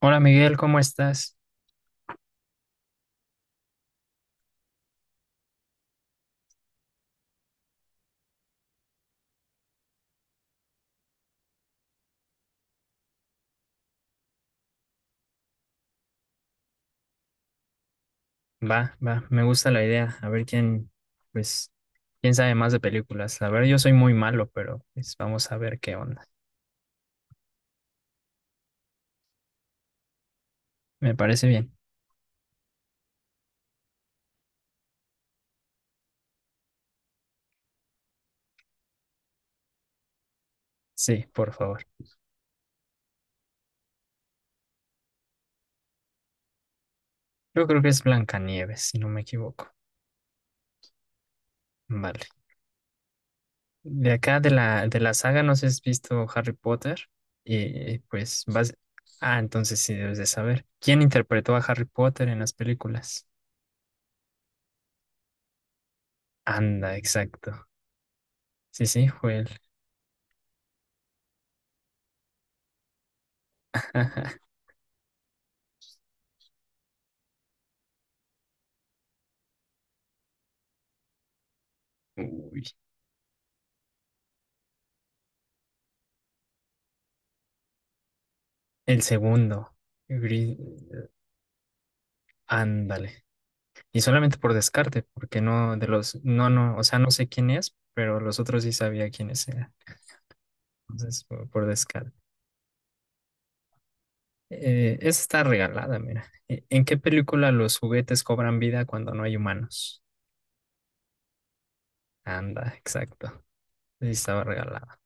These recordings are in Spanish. Hola Miguel, ¿cómo estás? Va, me gusta la idea. A ver pues, quién sabe más de películas. A ver, yo soy muy malo, pero pues vamos a ver qué onda. Me parece bien. Sí, por favor. Yo creo que es Blancanieves, si no me equivoco. Vale. De acá de la saga, no sé si has visto Harry Potter. Y pues vas. Ah, entonces sí debes de saber. ¿Quién interpretó a Harry Potter en las películas? Anda, exacto. Sí, fue él. Uy. El segundo, gris, ándale. Y solamente por descarte, porque no, o sea, no sé quién es, pero los otros sí sabía quiénes eran. Entonces, por descarte. Esa está regalada, mira. ¿En qué película los juguetes cobran vida cuando no hay humanos? Anda, exacto. Sí, estaba regalada.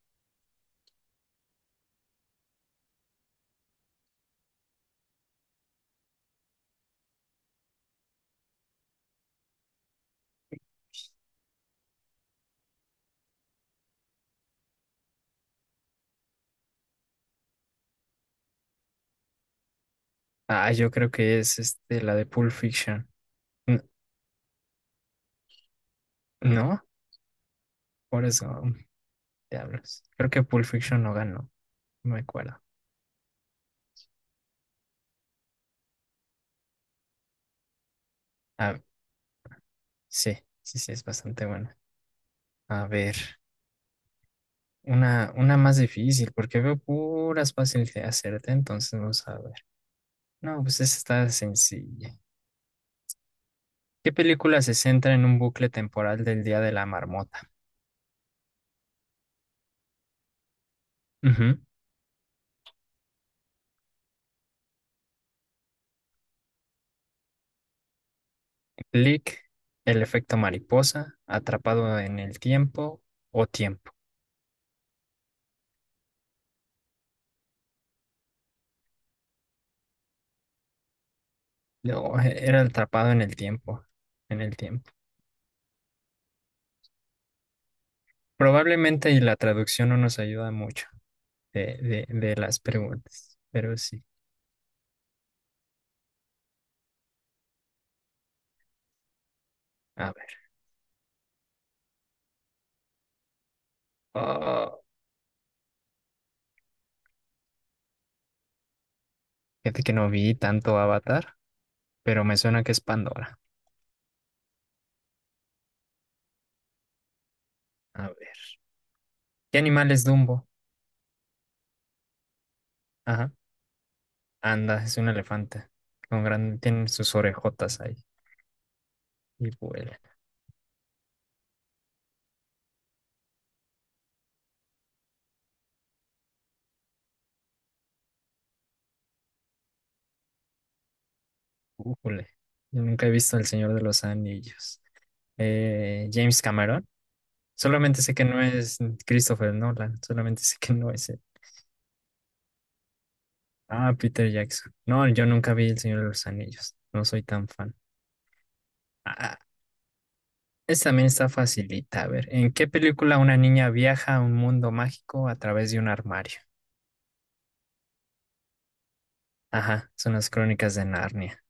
Ah, yo creo que es este, la de Pulp Fiction. N- ¿No? Por eso, diablos. Creo que Pulp Fiction no ganó, no me acuerdo. Ah, sí, sí, sí, es bastante buena. A ver. Una más difícil, porque veo puras fáciles de hacerte, entonces vamos a ver. No, pues esta está sencilla. ¿Qué película se centra en un bucle temporal del Día de la Marmota? Ujú. Click, El efecto mariposa, Atrapado en el tiempo o Tiempo. No, era atrapado en el tiempo. Probablemente y la traducción no nos ayuda mucho de las preguntas, pero sí. A ver. Oh, fíjate que no vi tanto Avatar, pero me suena que es Pandora. A ver. ¿Qué animal es Dumbo? Ajá. Anda, es un elefante. Con gran... Tiene sus orejotas ahí. Y vuela. Ujule. Yo nunca he visto El Señor de los Anillos. James Cameron. Solamente sé que no es Christopher Nolan. Solamente sé que no es él. Ah, Peter Jackson. No, yo nunca vi El Señor de los Anillos. No soy tan fan. Ah, esta también está facilita. A ver, ¿en qué película una niña viaja a un mundo mágico a través de un armario? Ajá, son las crónicas de Narnia.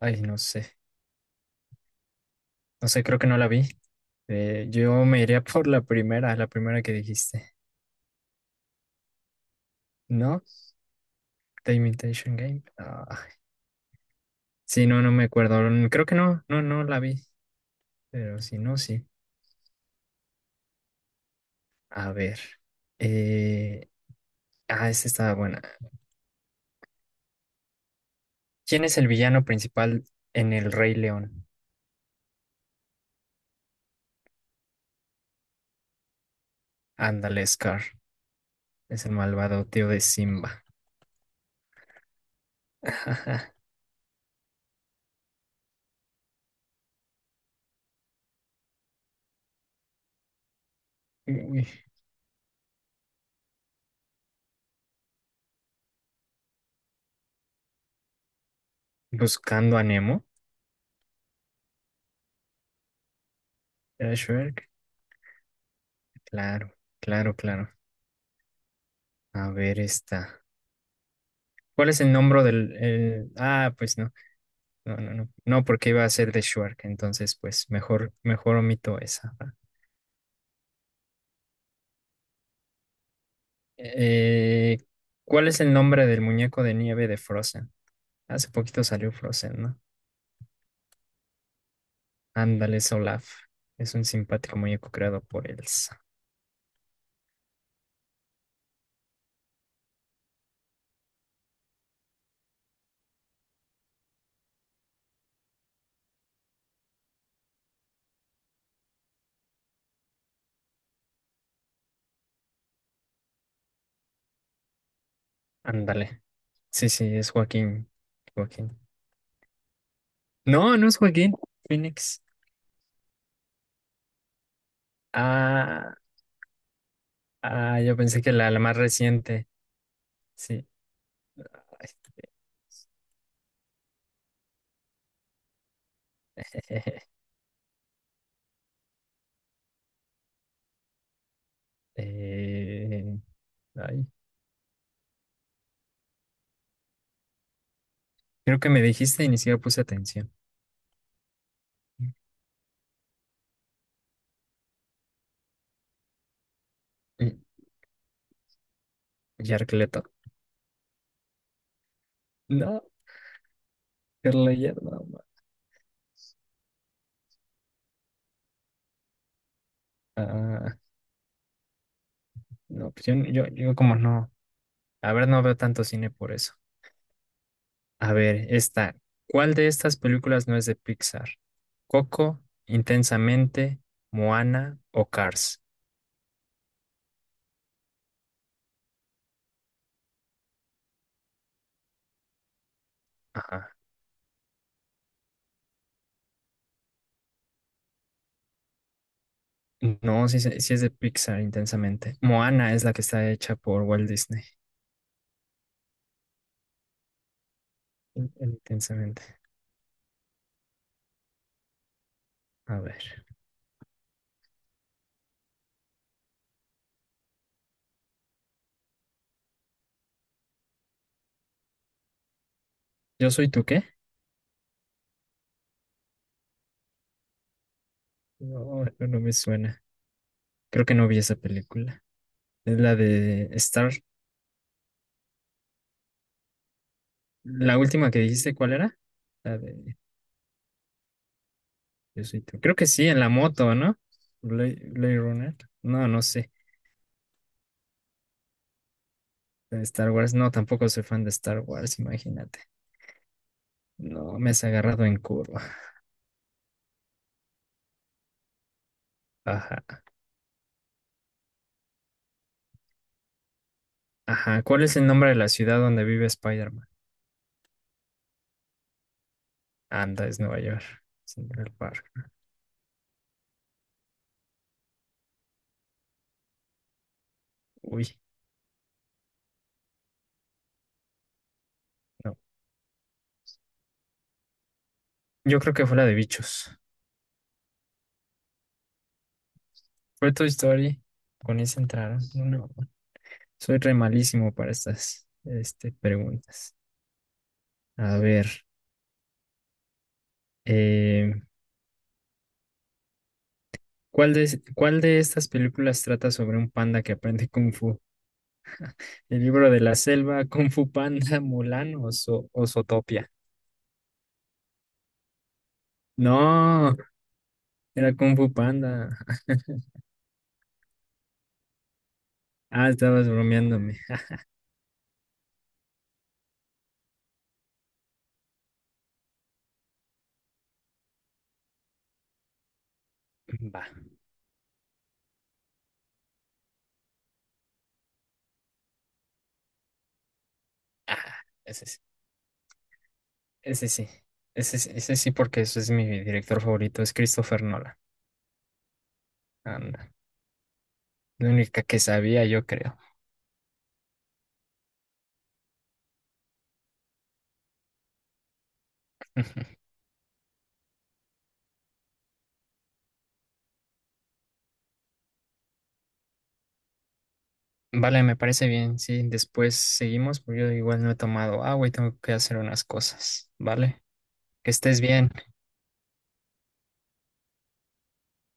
Ay, no sé. No sé, creo que no la vi. Yo me iría por la primera que dijiste. ¿No? The Imitation Game. Ah, sí, no, no me acuerdo. Mm, creo que no la vi. Pero si no, sí. A ver. Eh, esta estaba buena. ¿Quién es el villano principal en El Rey León? Ándale, Scar. Es el malvado tío de Simba. Uy, Buscando a Nemo. ¿Era Shrek? Claro, claro, claro. A ver esta. ¿Cuál es el nombre del... ah, pues no, porque iba a ser de Shark, entonces pues mejor omito esa. ¿Va? Eh, ¿Cuál es el nombre del muñeco de nieve de Frozen? Hace poquito salió Frozen, ¿no? Ándale, es Olaf. Es un simpático muñeco creado por Elsa. Ándale. Sí, es Joaquín. Joaquín. No, no es Joaquín. Phoenix. Ah, ah, yo pensé que la más reciente. Sí. Eh, ay, creo que me dijiste y ni siquiera puse atención. Mm, Yarkleto. No, Kerleyer, no. Ah, no, pues yo como no. A ver, no veo tanto cine por eso. A ver, esta. ¿Cuál de estas películas no es de Pixar? ¿Coco, Intensamente, Moana o Cars? Ajá. No, sí, sí es de Pixar, Intensamente. Moana es la que está hecha por Walt Disney. Intensamente. A ver. ¿Yo soy tú qué? No, no, no me suena. Creo que no vi esa película. Es la de Star. La última que dijiste, ¿cuál era? La de Yo soy tu- Creo que sí, en la moto, ¿no? Blade Runner. No, no sé. La de Star Wars. No, tampoco soy fan de Star Wars, imagínate. No, me has agarrado en curva. Ajá. Ajá. ¿Cuál es el nombre de la ciudad donde vive Spider-Man? Anda, es Nueva York. Central Park. Uy, no. Yo creo que fue la de bichos. Fue Toy Story. Con esa entraron. No, no. Soy re malísimo para estas este, preguntas. A ver, eh, ¿cuál de, cuál de estas películas trata sobre un panda que aprende Kung Fu? ¿El libro de la selva, Kung Fu Panda, Mulan o, o Zootopia? No, era Kung Fu Panda. Ah, estabas bromeándome. Va. Ah, ese sí. Ese sí. Ese sí, porque ese es mi director favorito, es Christopher Nolan. Anda, la única que sabía, yo creo. Vale, me parece bien. Sí, después seguimos, porque yo igual no he tomado agua y tengo que hacer unas cosas. Vale, que estés bien.